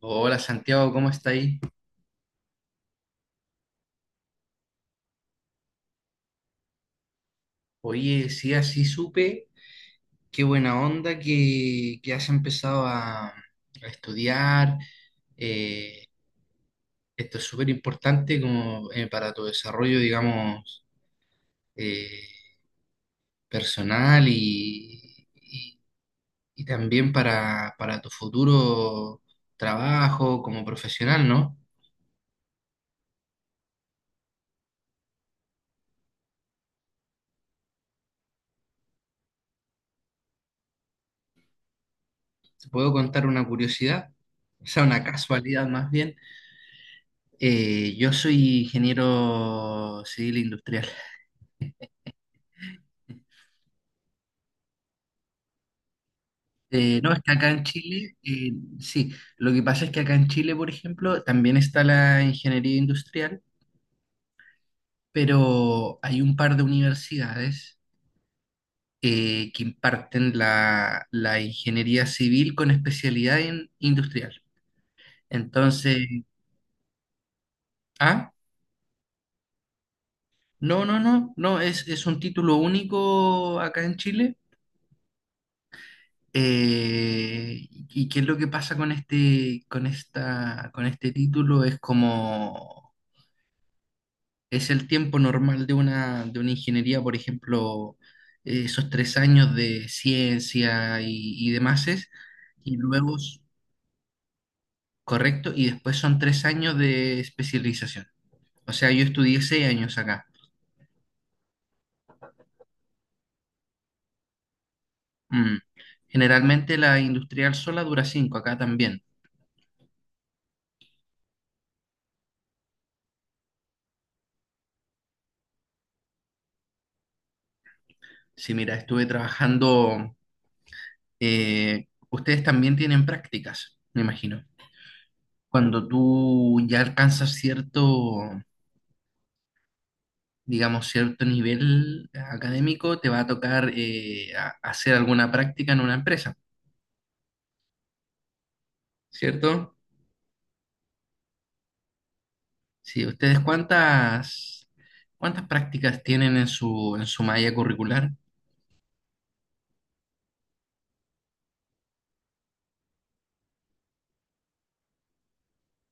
Hola Santiago, ¿cómo está ahí? Oye, sí, así supe, qué buena onda que has empezado a estudiar. eh, Esto es súper importante como para tu desarrollo, digamos, eh, personal y también para tu futuro trabajo como profesional, ¿no? Te puedo contar una curiosidad, o sea, una casualidad más bien. Yo soy ingeniero civil industrial. No, es que acá en Chile, sí, lo que pasa es que acá en Chile, por ejemplo, también está la ingeniería industrial, pero hay un par de universidades que imparten la, ingeniería civil con especialidad en industrial. Entonces, ah, no, no, no, no, es un título único acá en Chile. ¿Y qué es lo que pasa con con este título? Es como es el tiempo normal de una, ingeniería, por ejemplo, esos tres años de ciencia y demás, y luego, correcto, y después son 3 años de especialización. O sea, yo estudié 6 años acá. Mm. Generalmente la industrial sola dura cinco, acá también. Sí, mira, estuve trabajando, ustedes también tienen prácticas, me imagino. Cuando tú ya alcanzas cierto digamos, cierto nivel académico, te va a tocar hacer alguna práctica en una empresa, ¿cierto? Sí, ¿ustedes cuántas prácticas tienen en su, malla curricular?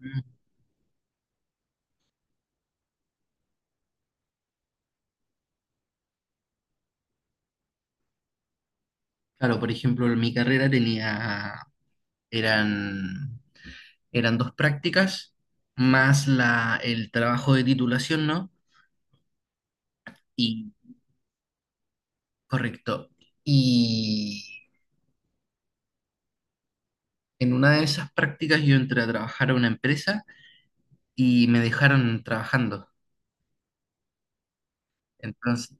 Mm. Claro, por ejemplo, en mi carrera eran, eran dos prácticas, más la, el trabajo de titulación, ¿no? Y, Correcto. Y en una de esas prácticas yo entré a trabajar a una empresa y me dejaron trabajando. Entonces,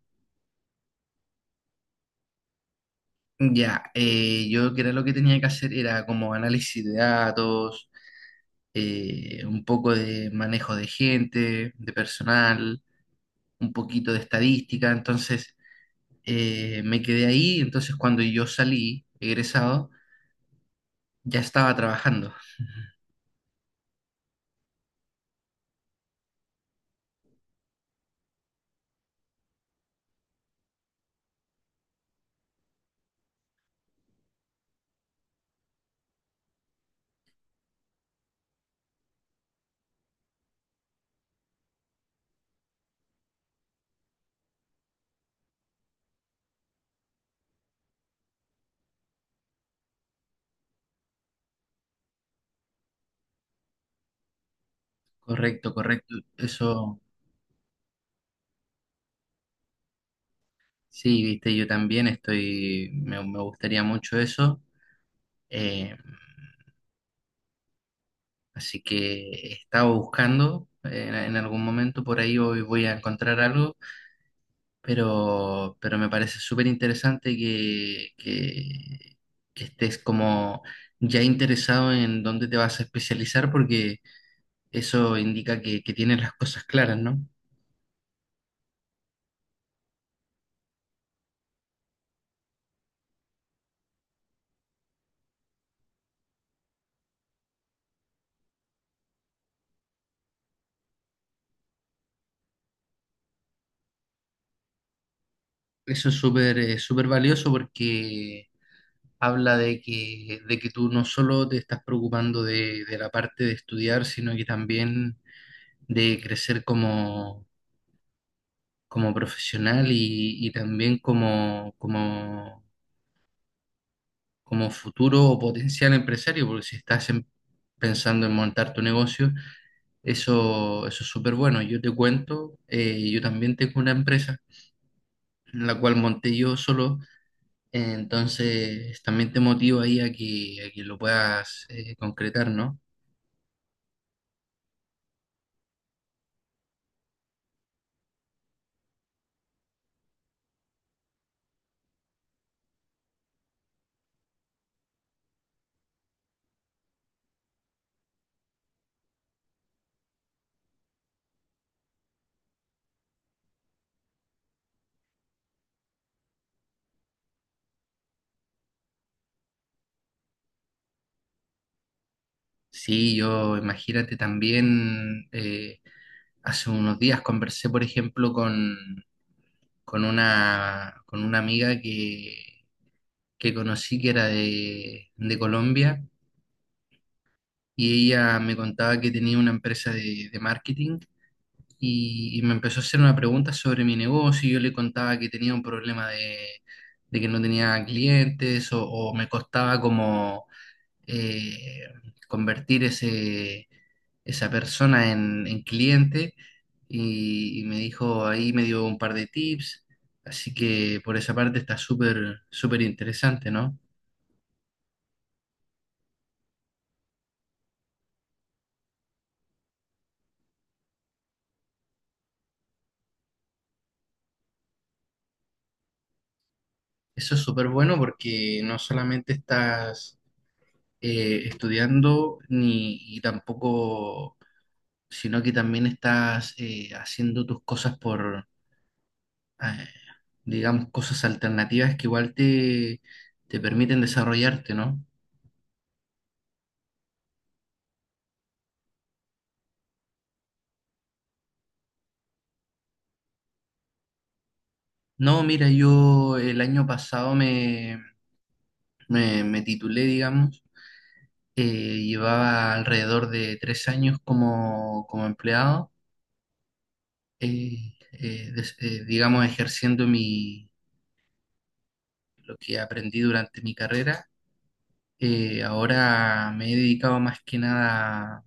ya, yo que era lo que tenía que hacer era como análisis de datos, un poco de manejo de gente, de personal, un poquito de estadística. Entonces, me quedé ahí. Entonces, cuando yo salí, egresado, ya estaba trabajando. Correcto, correcto. Eso, sí, viste, yo también estoy, me gustaría mucho eso. Eh, Así que estaba buscando, en algún momento por ahí hoy voy a encontrar algo pero, me parece súper interesante que, que estés como ya interesado en dónde te vas a especializar porque eso indica que, tienes las cosas claras, ¿no? Eso es súper súper valioso porque habla de que, tú no solo te estás preocupando de, la parte de estudiar, sino que también de crecer como, profesional y también como, futuro o potencial empresario, porque si estás pensando en montar tu negocio, eso es súper bueno. Yo te cuento, yo también tengo una empresa, la cual monté yo solo, entonces también te motivo ahí a que, lo puedas concretar, ¿no? Sí, yo imagínate también, hace unos días conversé, por ejemplo, con una amiga que, conocí que era de, Colombia y ella me contaba que tenía una empresa de, marketing y me empezó a hacer una pregunta sobre mi negocio. Y yo le contaba que tenía un problema de, que no tenía clientes o, me costaba como eh, convertir ese, esa persona en, cliente y me dijo, ahí me dio un par de tips. Así que por esa parte está súper, súper interesante, ¿no? Eso es súper bueno porque no solamente estás estudiando ni y tampoco, sino que también estás haciendo tus cosas eh, digamos, cosas alternativas que igual te, permiten desarrollarte, ¿no? No, mira, yo el año pasado me, titulé, digamos, llevaba alrededor de 3 años como, empleado, digamos, ejerciendo lo que aprendí durante mi carrera. Ahora me he dedicado más que nada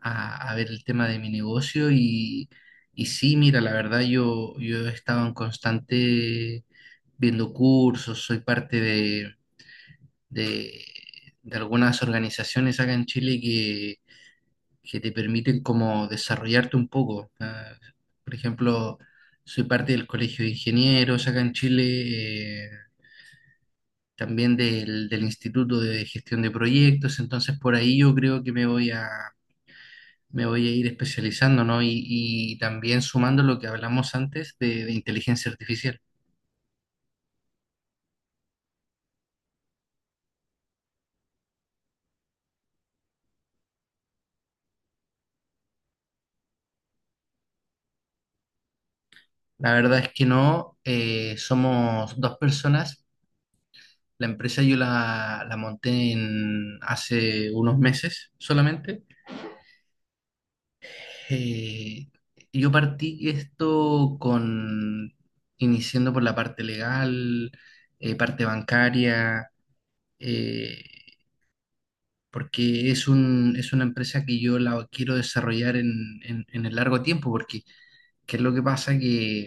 a, ver el tema de mi negocio y sí, mira, la verdad yo, he estado en constante viendo cursos, soy parte de, de- algunas organizaciones acá en Chile que, te permiten como desarrollarte un poco. Ah, por ejemplo, soy parte del Colegio de Ingenieros acá en Chile. También del, Instituto de Gestión de Proyectos, entonces por ahí yo creo que me voy a, ir especializando, ¿no? Y también sumando lo que hablamos antes de, inteligencia artificial. La verdad es que no, somos dos personas. La empresa yo la, monté en hace unos meses solamente. Eh, yo partí esto iniciando por la parte legal, parte bancaria, eh, porque es un, es una empresa que yo la quiero desarrollar en, el largo tiempo, porque ¿qué es lo que pasa? Que,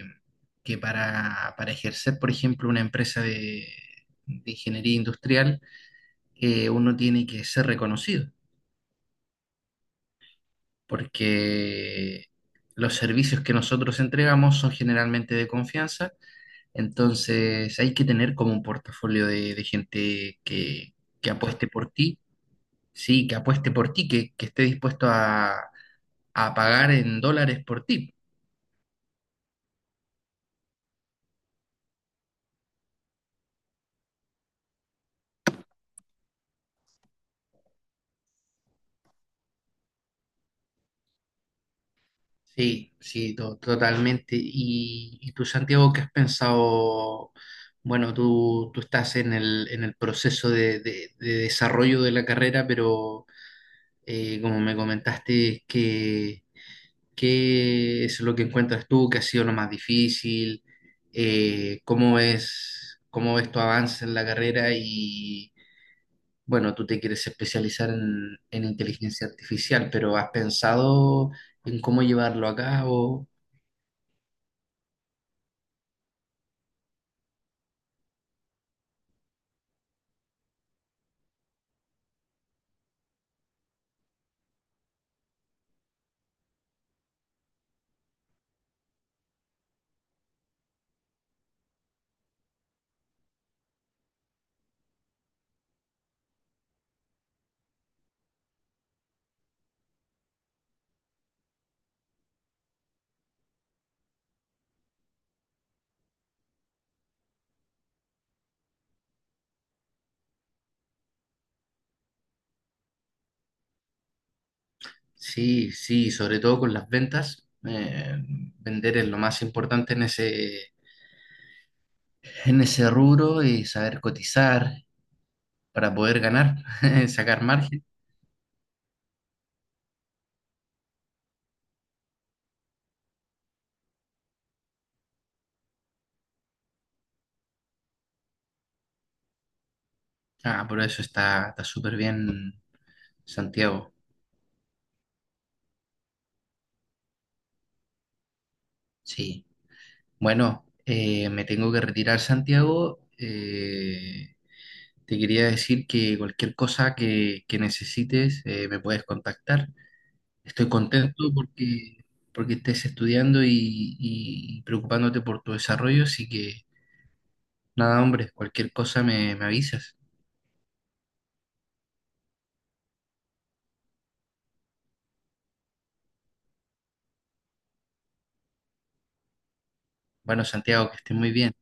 para, ejercer, por ejemplo, una empresa de, ingeniería industrial, uno tiene que ser reconocido, porque los servicios que nosotros entregamos son generalmente de confianza, entonces hay que tener como un portafolio de, gente que, apueste por ti. Sí, que apueste por ti, que, esté dispuesto a, pagar en dólares por ti. Sí, sí, totalmente. Y tú, Santiago, ¿qué has pensado? Bueno, tú, estás en el, proceso de, desarrollo de la carrera, pero como me comentaste, ¿qué, es lo que encuentras tú que ha sido lo más difícil? ¿ Cómo ves tu avance en la carrera, bueno, tú te quieres especializar en, inteligencia artificial, pero ¿has pensado en cómo llevarlo a cabo? Sí, sí, sobre todo con las ventas. Vender es lo más importante en ese, rubro y saber cotizar para poder ganar, sacar margen. Ah, por eso está, súper bien, Santiago. Sí. Bueno, me tengo que retirar, Santiago. Te quería decir que cualquier cosa que, necesites me puedes contactar. Estoy contento porque, estés estudiando y preocupándote por tu desarrollo, así que nada, hombre, cualquier cosa me, avisas. Bueno, Santiago, que estés muy bien.